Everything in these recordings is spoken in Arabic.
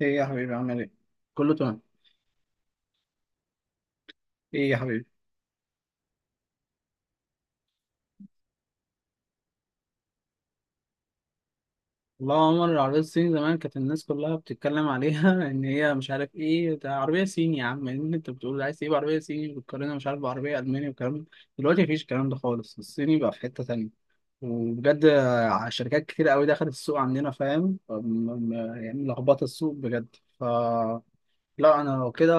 ايه يا حبيبي عامل ايه؟ كله تمام. ايه يا حبيبي؟ والله يا عمر، العربية الصيني زمان كانت الناس كلها بتتكلم عليها ان هي مش عارف ايه، ده عربية صيني يا عم، ان انت بتقول عايز تجيب عربية صيني بتقارنها مش عارف بعربية ألماني والكلام ده. دلوقتي مفيش الكلام ده خالص، الصيني بقى في حتة تانية. وبجد شركات كتير قوي دخلت السوق عندنا، فاهم؟ م- يعني لخبطة السوق بجد. لا انا لو كده،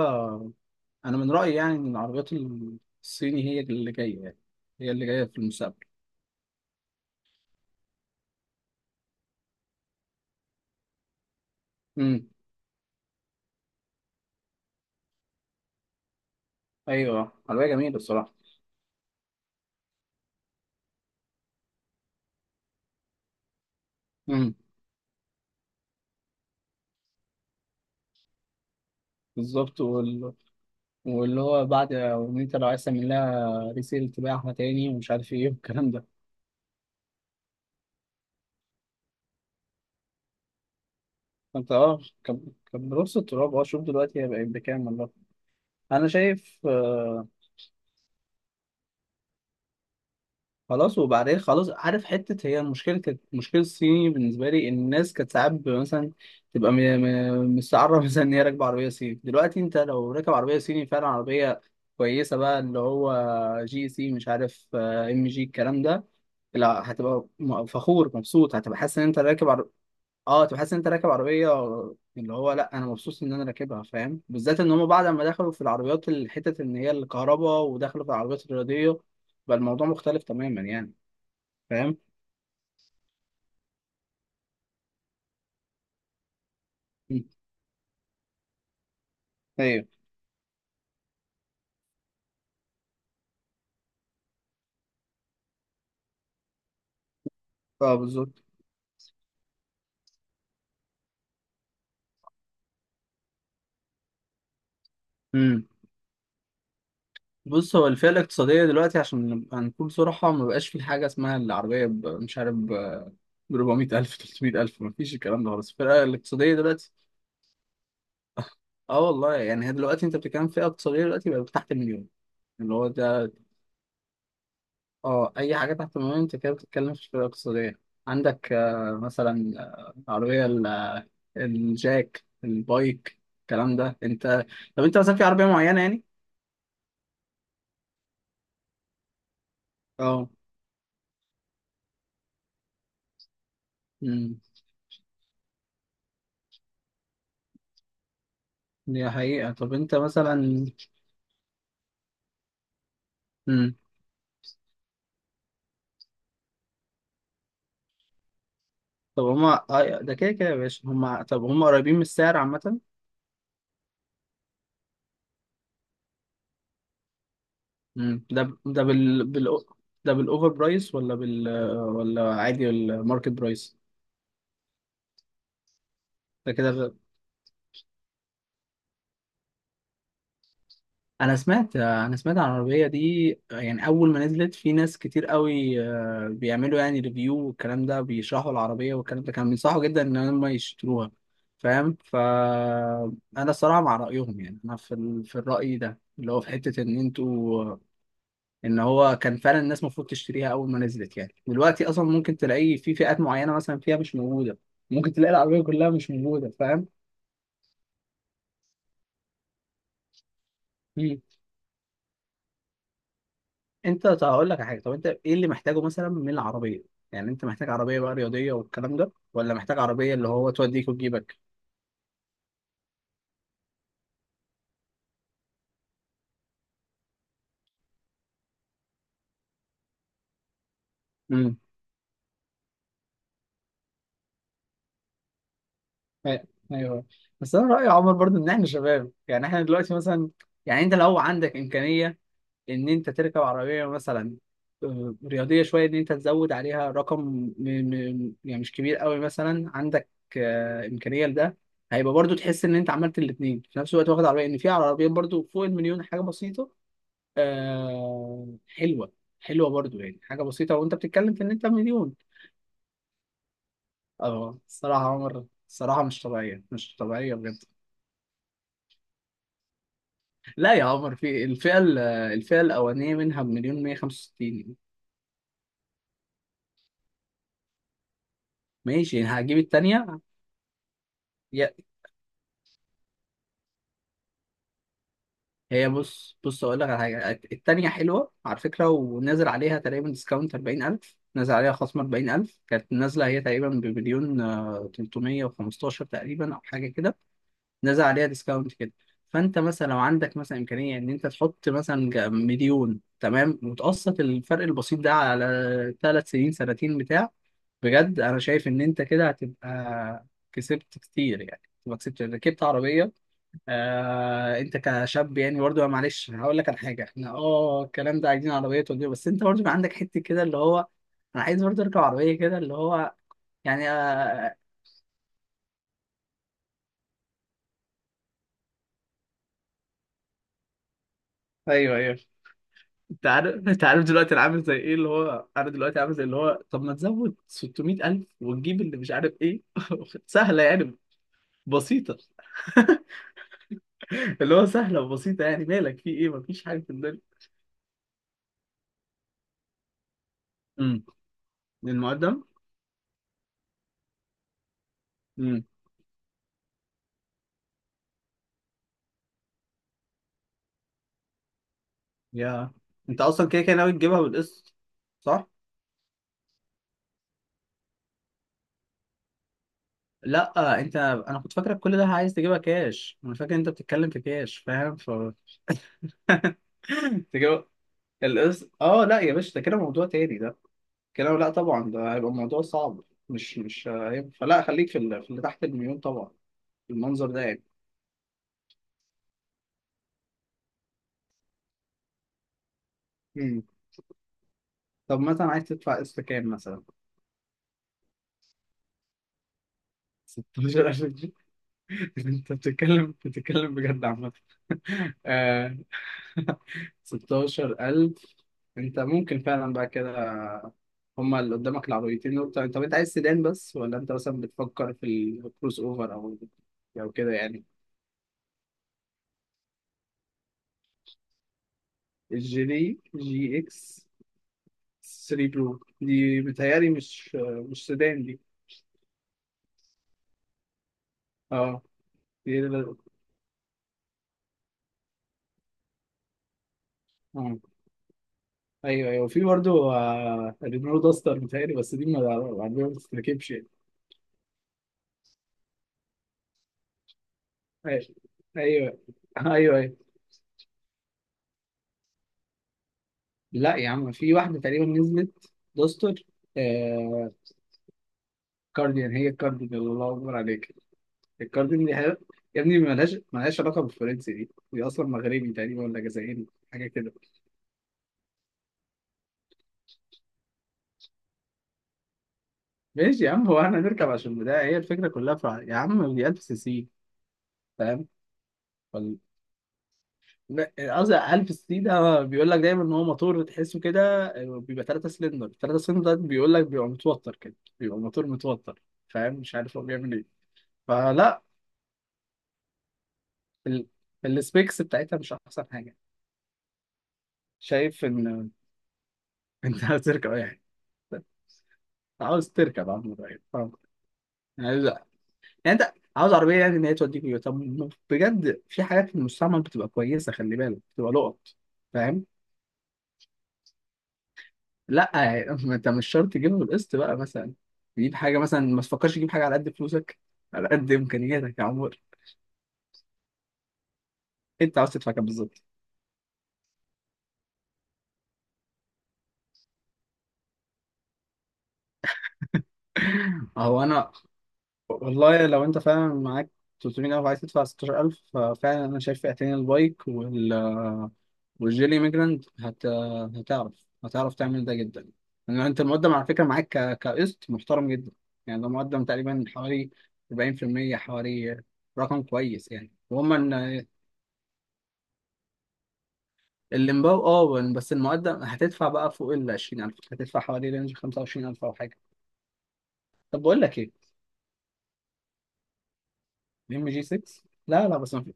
انا من رأيي يعني ان العربيات الصيني هي اللي جاية، يعني هي اللي جاية في المستقبل. ايوه حلوية جميلة الصراحة. امم. بالظبط واللي هو بعد، وان انت لو عايز تعمل لها ريسيل تبيعها تاني ومش عارف ايه والكلام ده. انت اه كان بنص التراب، اه شوف دلوقتي هي بقت بكام والله. انا شايف آه. خلاص وبعدين خلاص، عارف حتة هي المشكلة، كانت مشكلة الصيني بالنسبة لي، الناس كانت ساعات مثلا تبقى مستعرة مثلا ان هي راكبة عربية صيني. دلوقتي انت لو راكب عربية صيني فعلا عربية كويسة بقى، اللي هو جي سي مش عارف ام جي الكلام ده، لا هتبقى فخور مبسوط، هتبقى حاسس ان انت راكب اه هتبقى حاسس ان انت راكب عربيه، اللي هو لا انا مبسوط ان انا راكبها، فاهم؟ بالذات ان هم بعد ما دخلوا في العربيات الحتت ان هي الكهرباء، ودخلوا في العربيات الرياضيه، بقى الموضوع مختلف تماما يعني، فاهم؟ مم. ايوه. اه بالظبط. امم. بص، هو الفئه الاقتصاديه دلوقتي عشان نبقى نكون صراحه ما بقاش في حاجه اسمها العربيه مش عارف ب 400,000 300,000، ما فيش الكلام ده خالص الفئه الاقتصاديه دلوقتي. اه والله يعني، هي دلوقتي انت بتتكلم في فئه اقتصاديه دلوقتي بقى تحت المليون، اللي هو ده. اه اي حاجه تحت المليون انت كده بتتكلم في فئه اقتصاديه. عندك آه مثلا، عربيه الجاك البايك الكلام ده، انت طب انت مثلا في عربيه معينه يعني؟ اه. امم. دي حقيقه. طب انت مثلا؟ امم. طب هما آه ده كده كده يا باشا، هما طب هما قريبين من السعر عامه؟ امم. ده ده بالاوفر برايس ولا بال آه، ولا عادي الماركت برايس؟ ده كده. انا سمعت عن العربيه دي، يعني اول ما نزلت في ناس كتير قوي بيعملوا يعني ريفيو والكلام ده، بيشرحوا العربيه والكلام ده، كانوا بينصحوا جدا ان هم يشتروها، فاهم؟ فانا الصراحه مع رايهم يعني، انا في في الراي ده اللي هو في حته ان انتوا، ان هو كان فعلا الناس المفروض تشتريها اول ما نزلت. يعني دلوقتي اصلا ممكن تلاقي في فئات معينه مثلا فيها مش موجوده، ممكن تلاقي العربيه كلها مش موجوده، فاهم؟ انت طب هقول لك على حاجه، طب انت ايه اللي محتاجه مثلا من العربيه؟ يعني انت محتاج عربيه بقى رياضيه والكلام ده، ولا محتاج عربيه اللي هو توديك وتجيبك؟ امم. أي- ايوه. بس انا رايي يا عمر برضو ان احنا شباب، يعني احنا دلوقتي مثلا، يعني انت لو عندك امكانيه ان انت تركب عربيه مثلا رياضيه شويه، ان انت تزود عليها رقم يعني مش كبير قوي، مثلا عندك امكانيه لده، هيبقى برضو تحس ان انت عملت الاثنين في نفس الوقت، واخد عربيه ان في عربيات برضو فوق المليون حاجه بسيطه آه حلوة، حلوة برضو يعني، حاجة بسيطة وانت بتتكلم في ان انت مليون. اه الصراحة يا عمر، الصراحة مش طبيعية، مش طبيعية بجد. لا يا عمر، في الفئة الفئة الأولانية منها بمليون مية خمسة وستين. ماشي، يعني هجيب التانية. يا- هي بص بص أقول لك على حاجة، التانية حلوة على فكرة، ونازل عليها تقريبا ديسكاونت 40,000، نازل عليها خصم 40,000، كانت نازلة هي تقريبا بمليون تلتمية وخمستاشر تقريبا أو حاجة كده، نازل عليها ديسكاونت كده. فانت مثلا لو عندك مثلا امكانيه ان انت تحط مثلا مليون تمام وتقسط الفرق البسيط ده على ثلاث سنين سنتين بتاع، بجد انا شايف ان انت كده هتبقى كسبت كتير يعني، تبقى كسبت ركبت عربيه. آه انت كشاب يعني برضه، معلش هقول لك على حاجه، احنا اه الكلام ده عايزين عربيه توديه، بس انت برضه بيبقى عندك حته كده اللي هو انا عايز برضه اركب عربيه كده اللي هو، يعني آه. ايوه ايوه. انت عارف انت عارف دلوقتي انا عامل زي ايه اللي هو، انا دلوقتي عامل زي اللي هو طب ما تزود 600,000 وتجيب اللي مش عارف ايه سهله يعني. بسيطه اللي هو سهله وبسيطه يعني، مالك في ايه، مفيش حاجه في الدنيا. امم. للمقدم. امم. يا انت اصلا كده كده ناوي تجيبها بالقسط صح؟ لا انت، انا كنت فاكرك كل ده عايز تجيبها كاش، انا فاكر انت بتتكلم في كاش فاهم؟ تجيبها القسط؟ اه لا يا باشا، ده كده موضوع تاني ده، كده لا طبعا، ده هيبقى الموضوع صعب مش هيبقى، فلا خليك في اللي، في اللي تحت المليون طبعا، المنظر ده يعني. مم. طب مثلا عايز تدفع قسط كام مثلا؟ 16,000 جنيه انت بتتكلم بجد عامة آه، 16,000. انت ممكن فعلا بقى كده، هما اللي قدامك العربيتين دول. طب انت عايز سيدان بس ولا انت مثلا بتفكر في الكروس اوفر، او او كده يعني؟ الجي دي جي اكس 3 بلو دي بتهيألي مش، مش سيدان دي. اه. دي لا- اه. ايوه ايوه، في برضه رينو داستر بتهيألي، بس دي ما العربية ما بتتركبش يعني. ايوه ايوه. ايوه أيوة. لا يا عم، في واحدة تقريبا نزلت داستر آه، كارديان، هي الكارديان الله اكبر عليك. الكارديان دي حاجة- يا ابني، ملهاش علاقة بالفرنسي، دي اصلا مغربي تقريبا ولا جزائري، حاجة كده. ماشي يا عم، هو احنا نركب عشان بدا هي الفكرة كلها في يا عم، دي 1000 سي سي، فاهم؟ ولا لا، قصدي ألف سي ده بيقول لك دايما إن هو موتور تحسه كده بيبقى تلاتة سلندر تلاتة سلندر، ده بيقول لك بيبقى متوتر كده، بيبقى موتور متوتر، فاهم؟ مش عارف هو بيعمل إيه. فلا ال... السبيكس بتاعتها مش أحسن حاجة، شايف إن أنت عاوز تركب أي حاجة. أنت عاوز تركب عم، فاهم؟ يعني لا. يعني أنت عاوز عربية يعني إن هي توديك، طب بجد في حاجات في المستعمل بتبقى كويسة، خلي بالك بتبقى لقط، فاهم؟ لا ما انت مش شرط تجيبها بالقسط بقى، مثلا تجيب حاجه مثلا، ما تفكرش تجيب حاجه على قد فلوسك، على قد امكانياتك يا عمر. انت عاوز تدفع كام بالظبط؟ هو انا والله لو انت فعلا معاك 300,000 وعايز تدفع 16,000 ففعلا انا شايف فئتين، البايك والجيلي ميجراند هتعرف هتعرف تعمل ده جدا، لان انت المقدم على فكره معاك كقسط محترم جدا، يعني ده مقدم تقريبا حوالي 40%، حوالي رقم كويس يعني. وهم الليمباو، اه بس المقدم هتدفع بقى فوق ال 20,000، هتدفع حوالي رينج 25,000 او حاجه. طب بقول لك ايه، الام جي 6. لا لا، بس ما في،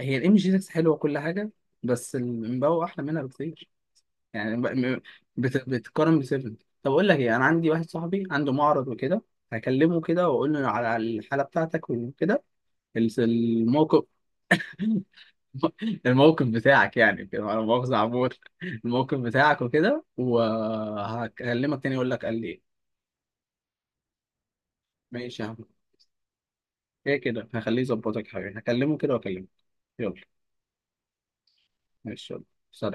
هي الام جي 6 حلوه كل حاجه، بس الليمباو احلى منها بكتير، يعني بتقارن ب 7. طب اقول لك ايه، انا عندي واحد صاحبي عنده معرض وكده، هكلمه كده واقول له على على الحاله بتاعتك وكده، الموقف. الموقف بتاعك يعني كده، على مؤاخذه عمور، الموقف بتاعك وكده، وهكلمك تاني اقول لك قال لي ايه. ماشي يا عم، كده كده هخليه يظبطك حاجة، هكلمه كده واكلمه، يلا. ماشي يلا، سلام.